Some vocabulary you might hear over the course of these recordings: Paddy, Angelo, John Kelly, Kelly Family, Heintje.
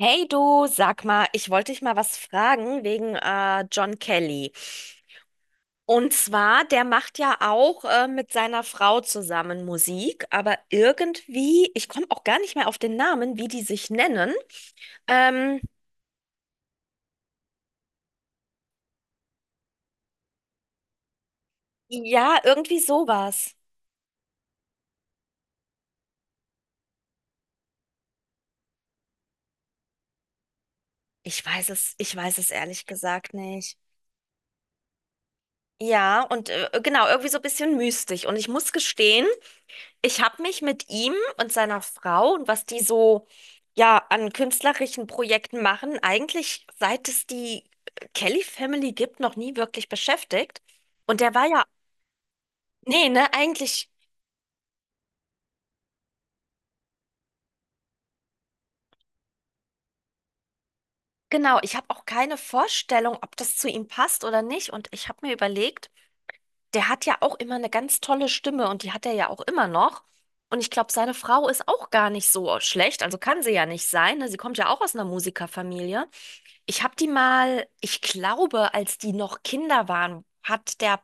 Hey du, sag mal, ich wollte dich mal was fragen wegen John Kelly. Und zwar, der macht ja auch mit seiner Frau zusammen Musik, aber irgendwie, ich komme auch gar nicht mehr auf den Namen, wie die sich nennen. Ähm, ja, irgendwie sowas. Ich weiß es, ehrlich gesagt nicht. Ja, und genau, irgendwie so ein bisschen mystisch. Und ich muss gestehen, ich habe mich mit ihm und seiner Frau und was die so ja an künstlerischen Projekten machen, eigentlich seit es die Kelly Family gibt, noch nie wirklich beschäftigt. Und der war ja, nee, ne, eigentlich, genau, ich habe auch keine Vorstellung, ob das zu ihm passt oder nicht. Und ich habe mir überlegt, der hat ja auch immer eine ganz tolle Stimme und die hat er ja auch immer noch. Und ich glaube, seine Frau ist auch gar nicht so schlecht, also kann sie ja nicht sein, ne? Sie kommt ja auch aus einer Musikerfamilie. Ich habe die mal, ich glaube, als die noch Kinder waren, hat der,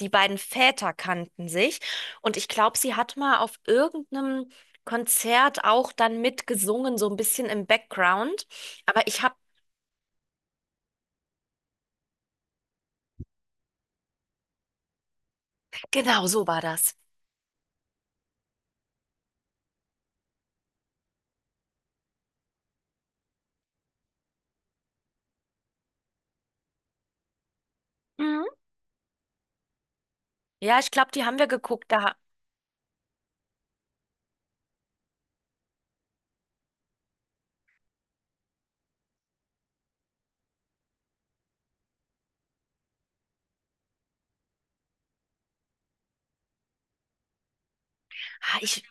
die beiden Väter kannten sich und ich glaube, sie hat mal auf irgendeinem Konzert auch dann mitgesungen, so ein bisschen im Background. Aber ich habe, genau so war das. Mhm. Ja, ich glaube, die haben wir geguckt. Da, ah, ich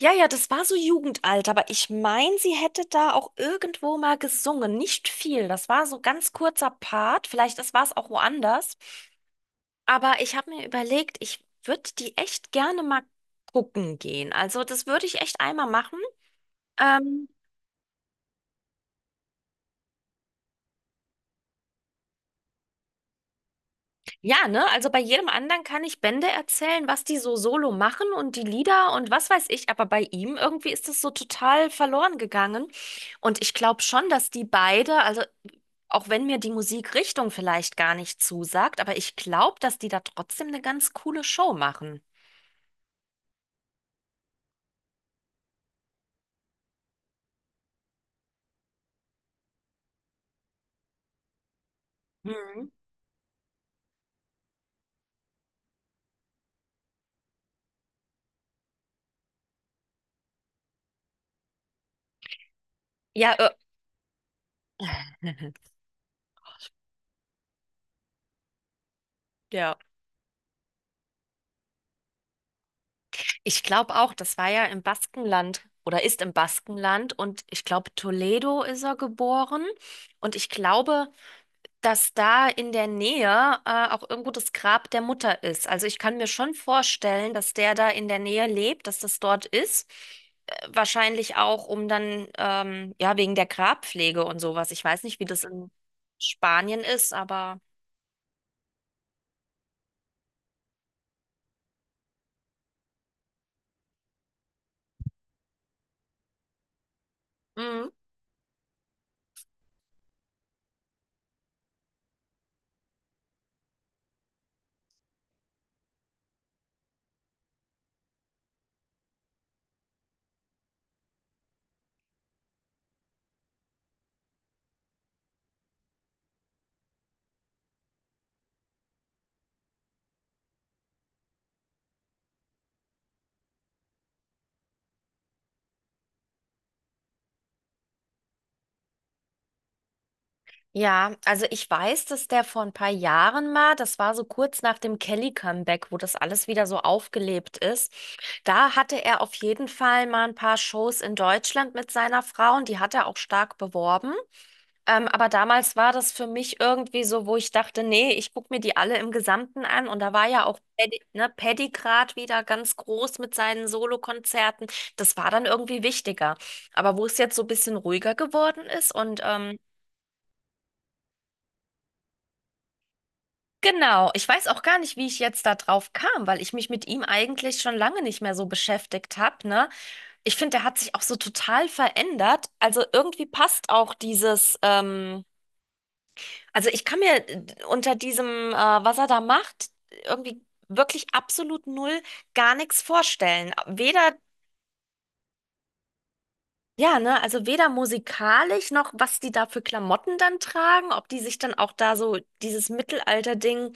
ja, ja, das war so Jugendalter, aber ich meine, sie hätte da auch irgendwo mal gesungen. Nicht viel. Das war so ganz kurzer Part. Vielleicht das war es auch woanders. Aber ich habe mir überlegt, ich würde die echt gerne mal gucken gehen. Also das würde ich echt einmal machen. Ähm, Ja, ne? Also bei jedem anderen kann ich Bände erzählen, was die so solo machen und die Lieder und was weiß ich, aber bei ihm irgendwie ist das so total verloren gegangen. Und ich glaube schon, dass die beide, also auch wenn mir die Musikrichtung vielleicht gar nicht zusagt, aber ich glaube, dass die da trotzdem eine ganz coole Show machen. Mhm. Ja, ja. Ich glaube auch, das war ja im Baskenland oder ist im Baskenland und ich glaube, Toledo ist er geboren und ich glaube, dass da in der Nähe auch irgendwo das Grab der Mutter ist. Also ich kann mir schon vorstellen, dass der da in der Nähe lebt, dass das dort ist. Wahrscheinlich auch, um dann, ja, wegen der Grabpflege und sowas. Ich weiß nicht, wie das in Spanien ist, aber. Mhm. Ja, also ich weiß, dass der vor ein paar Jahren mal, das war so kurz nach dem Kelly-Comeback, wo das alles wieder so aufgelebt ist. Da hatte er auf jeden Fall mal ein paar Shows in Deutschland mit seiner Frau und die hat er auch stark beworben. Aber damals war das für mich irgendwie so, wo ich dachte, nee, ich gucke mir die alle im Gesamten an. Und da war ja auch Paddy, ne, Paddy Grad wieder ganz groß mit seinen Solokonzerten. Das war dann irgendwie wichtiger. Aber wo es jetzt so ein bisschen ruhiger geworden ist und genau, ich weiß auch gar nicht, wie ich jetzt da drauf kam, weil ich mich mit ihm eigentlich schon lange nicht mehr so beschäftigt habe, ne? Ich finde, der hat sich auch so total verändert. Also irgendwie passt auch dieses, also ich kann mir unter diesem, was er da macht, irgendwie wirklich absolut null gar nichts vorstellen. Weder, ja, ne, also weder musikalisch noch, was die da für Klamotten dann tragen, ob die sich dann auch da so dieses Mittelalter-Ding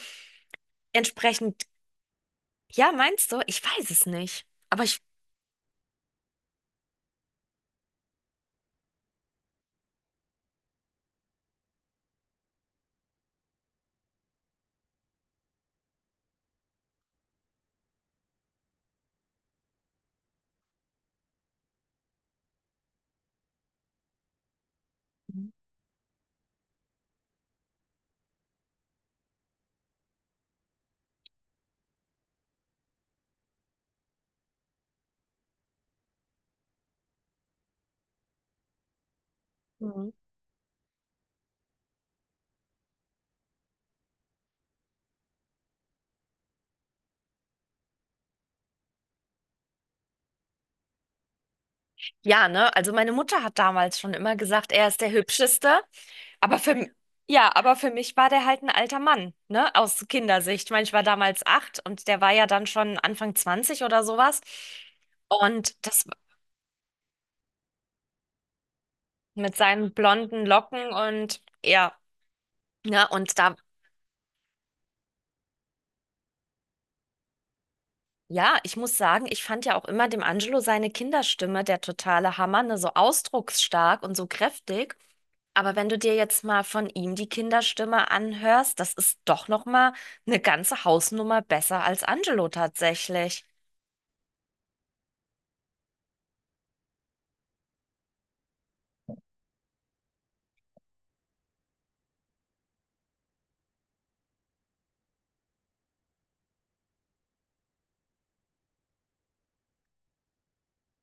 entsprechend. Ja, meinst du? Ich weiß es nicht. Aber ich. Mhm. Ja, ne? Also meine Mutter hat damals schon immer gesagt, er ist der Hübscheste. Aber für, ja, aber für mich war der halt ein alter Mann, ne? Aus Kindersicht. Ich meine, ich war damals acht und der war ja dann schon Anfang 20 oder sowas. Und das mit seinen blonden Locken und ja, ne? Und da ja, ich muss sagen, ich fand ja auch immer dem Angelo seine Kinderstimme der totale Hammer, ne, so ausdrucksstark und so kräftig. Aber wenn du dir jetzt mal von ihm die Kinderstimme anhörst, das ist doch noch mal eine ganze Hausnummer besser als Angelo tatsächlich.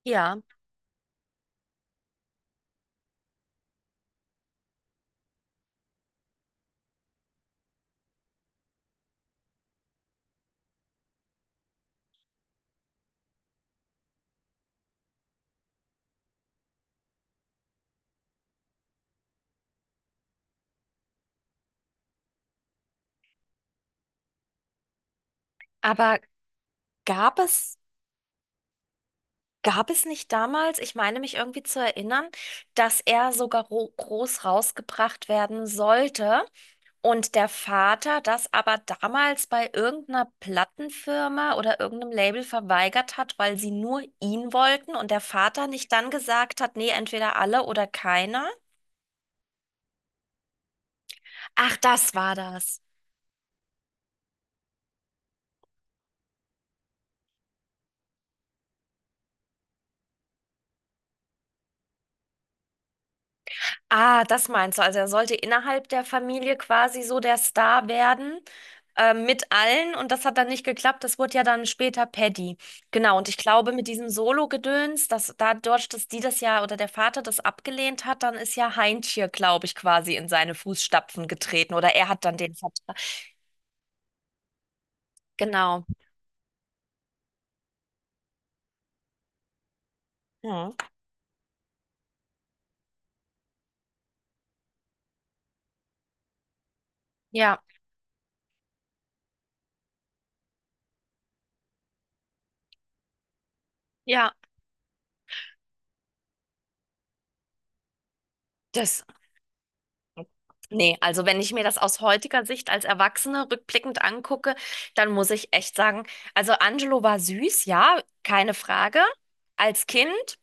Ja, aber gab es, gab es nicht damals, ich meine mich irgendwie zu erinnern, dass er sogar groß rausgebracht werden sollte? Und der Vater das aber damals bei irgendeiner Plattenfirma oder irgendeinem Label verweigert hat, weil sie nur ihn wollten und der Vater nicht dann gesagt hat, nee, entweder alle oder keiner. Ach, das war das. Ah, das meinst du. Also er sollte innerhalb der Familie quasi so der Star werden, mit allen. Und das hat dann nicht geklappt. Das wurde ja dann später Paddy. Genau. Und ich glaube, mit diesem Solo-Gedöns, dass dadurch, dass die das ja oder der Vater das abgelehnt hat, dann ist ja Heintje, glaube ich, quasi in seine Fußstapfen getreten. Oder er hat dann den Vertrag. Genau. Mhm. Ja. Ja, das. Nee, also wenn ich mir das aus heutiger Sicht als Erwachsene rückblickend angucke, dann muss ich echt sagen, also Angelo war süß, ja, keine Frage. Als Kind.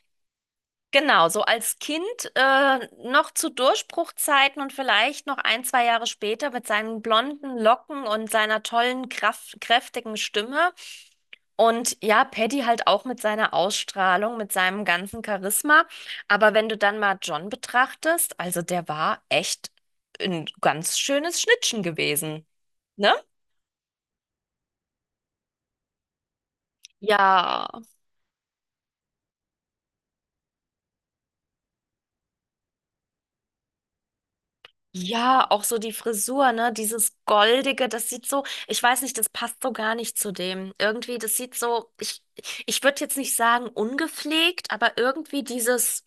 Genau, so als Kind noch zu Durchbruchzeiten und vielleicht noch ein, zwei Jahre später mit seinen blonden Locken und seiner tollen, kraft kräftigen Stimme. Und ja, Paddy halt auch mit seiner Ausstrahlung, mit seinem ganzen Charisma. Aber wenn du dann mal John betrachtest, also der war echt ein ganz schönes Schnittchen gewesen, ne? Ja, ja, auch so die Frisur, ne? Dieses Goldige, das sieht so, ich weiß nicht, das passt so gar nicht zu dem. Irgendwie, das sieht so, ich würde jetzt nicht sagen ungepflegt, aber irgendwie dieses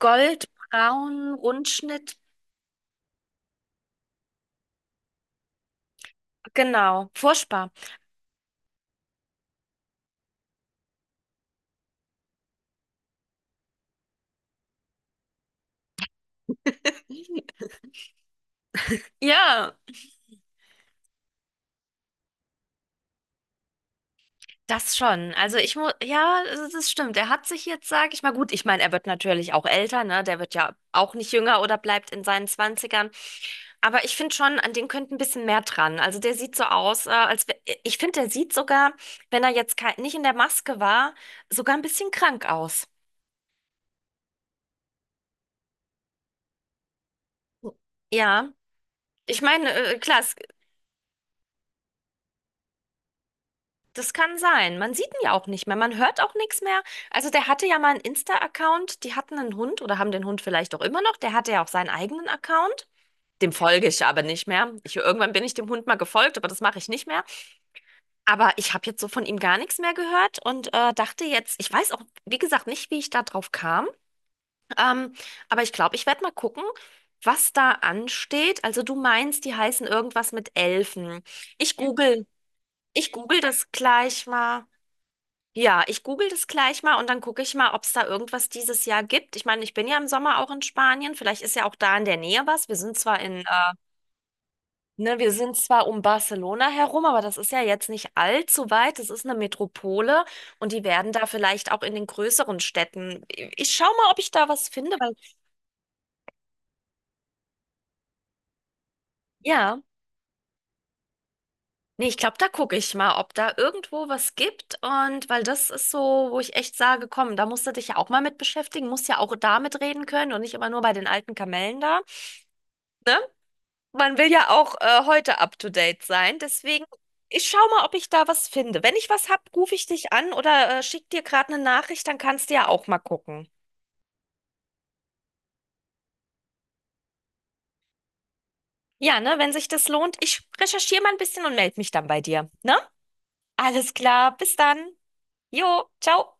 Goldbraun, Rundschnitt, genau, furchtbar. Ja. Das schon. Also ich muss, ja, das stimmt. Er hat sich jetzt, sage ich mal, gut, ich meine, er wird natürlich auch älter, ne? Der wird ja auch nicht jünger oder bleibt in seinen Zwanzigern. Aber ich finde schon, an dem könnte ein bisschen mehr dran. Also der sieht so aus, ich finde, der sieht sogar, wenn er jetzt nicht in der Maske war, sogar ein bisschen krank aus. Ja, ich meine, klar, es, das kann sein. Man sieht ihn ja auch nicht mehr, man hört auch nichts mehr. Also der hatte ja mal einen Insta-Account, die hatten einen Hund oder haben den Hund vielleicht auch immer noch. Der hatte ja auch seinen eigenen Account. Dem folge ich aber nicht mehr. Ich, irgendwann bin ich dem Hund mal gefolgt, aber das mache ich nicht mehr. Aber ich habe jetzt so von ihm gar nichts mehr gehört und dachte jetzt, ich weiß auch, wie gesagt, nicht, wie ich da drauf kam. Ähm, aber ich glaube, ich werde mal gucken, was da ansteht. Also du meinst, die heißen irgendwas mit Elfen. Ich ja. Google, das gleich mal. Ja, ich google das gleich mal und dann gucke ich mal, ob es da irgendwas dieses Jahr gibt. Ich meine, ich bin ja im Sommer auch in Spanien. Vielleicht ist ja auch da in der Nähe was. Wir sind zwar in ne, wir sind zwar um Barcelona herum, aber das ist ja jetzt nicht allzu weit. Das ist eine Metropole und die werden da vielleicht auch in den größeren Städten. Ich schau mal, ob ich da was finde, weil ja, nee, ich glaube, da gucke ich mal, ob da irgendwo was gibt und weil das ist so, wo ich echt sage, komm, da musst du dich ja auch mal mit beschäftigen, musst ja auch da mitreden können und nicht immer nur bei den alten Kamellen da. Ne? Man will ja auch heute up to date sein. Deswegen, ich schau mal, ob ich da was finde. Wenn ich was hab, rufe ich dich an oder schick dir gerade eine Nachricht, dann kannst du ja auch mal gucken. Ja, ne, wenn sich das lohnt, ich recherchiere mal ein bisschen und melde mich dann bei dir. Ne? Alles klar, bis dann. Jo, ciao.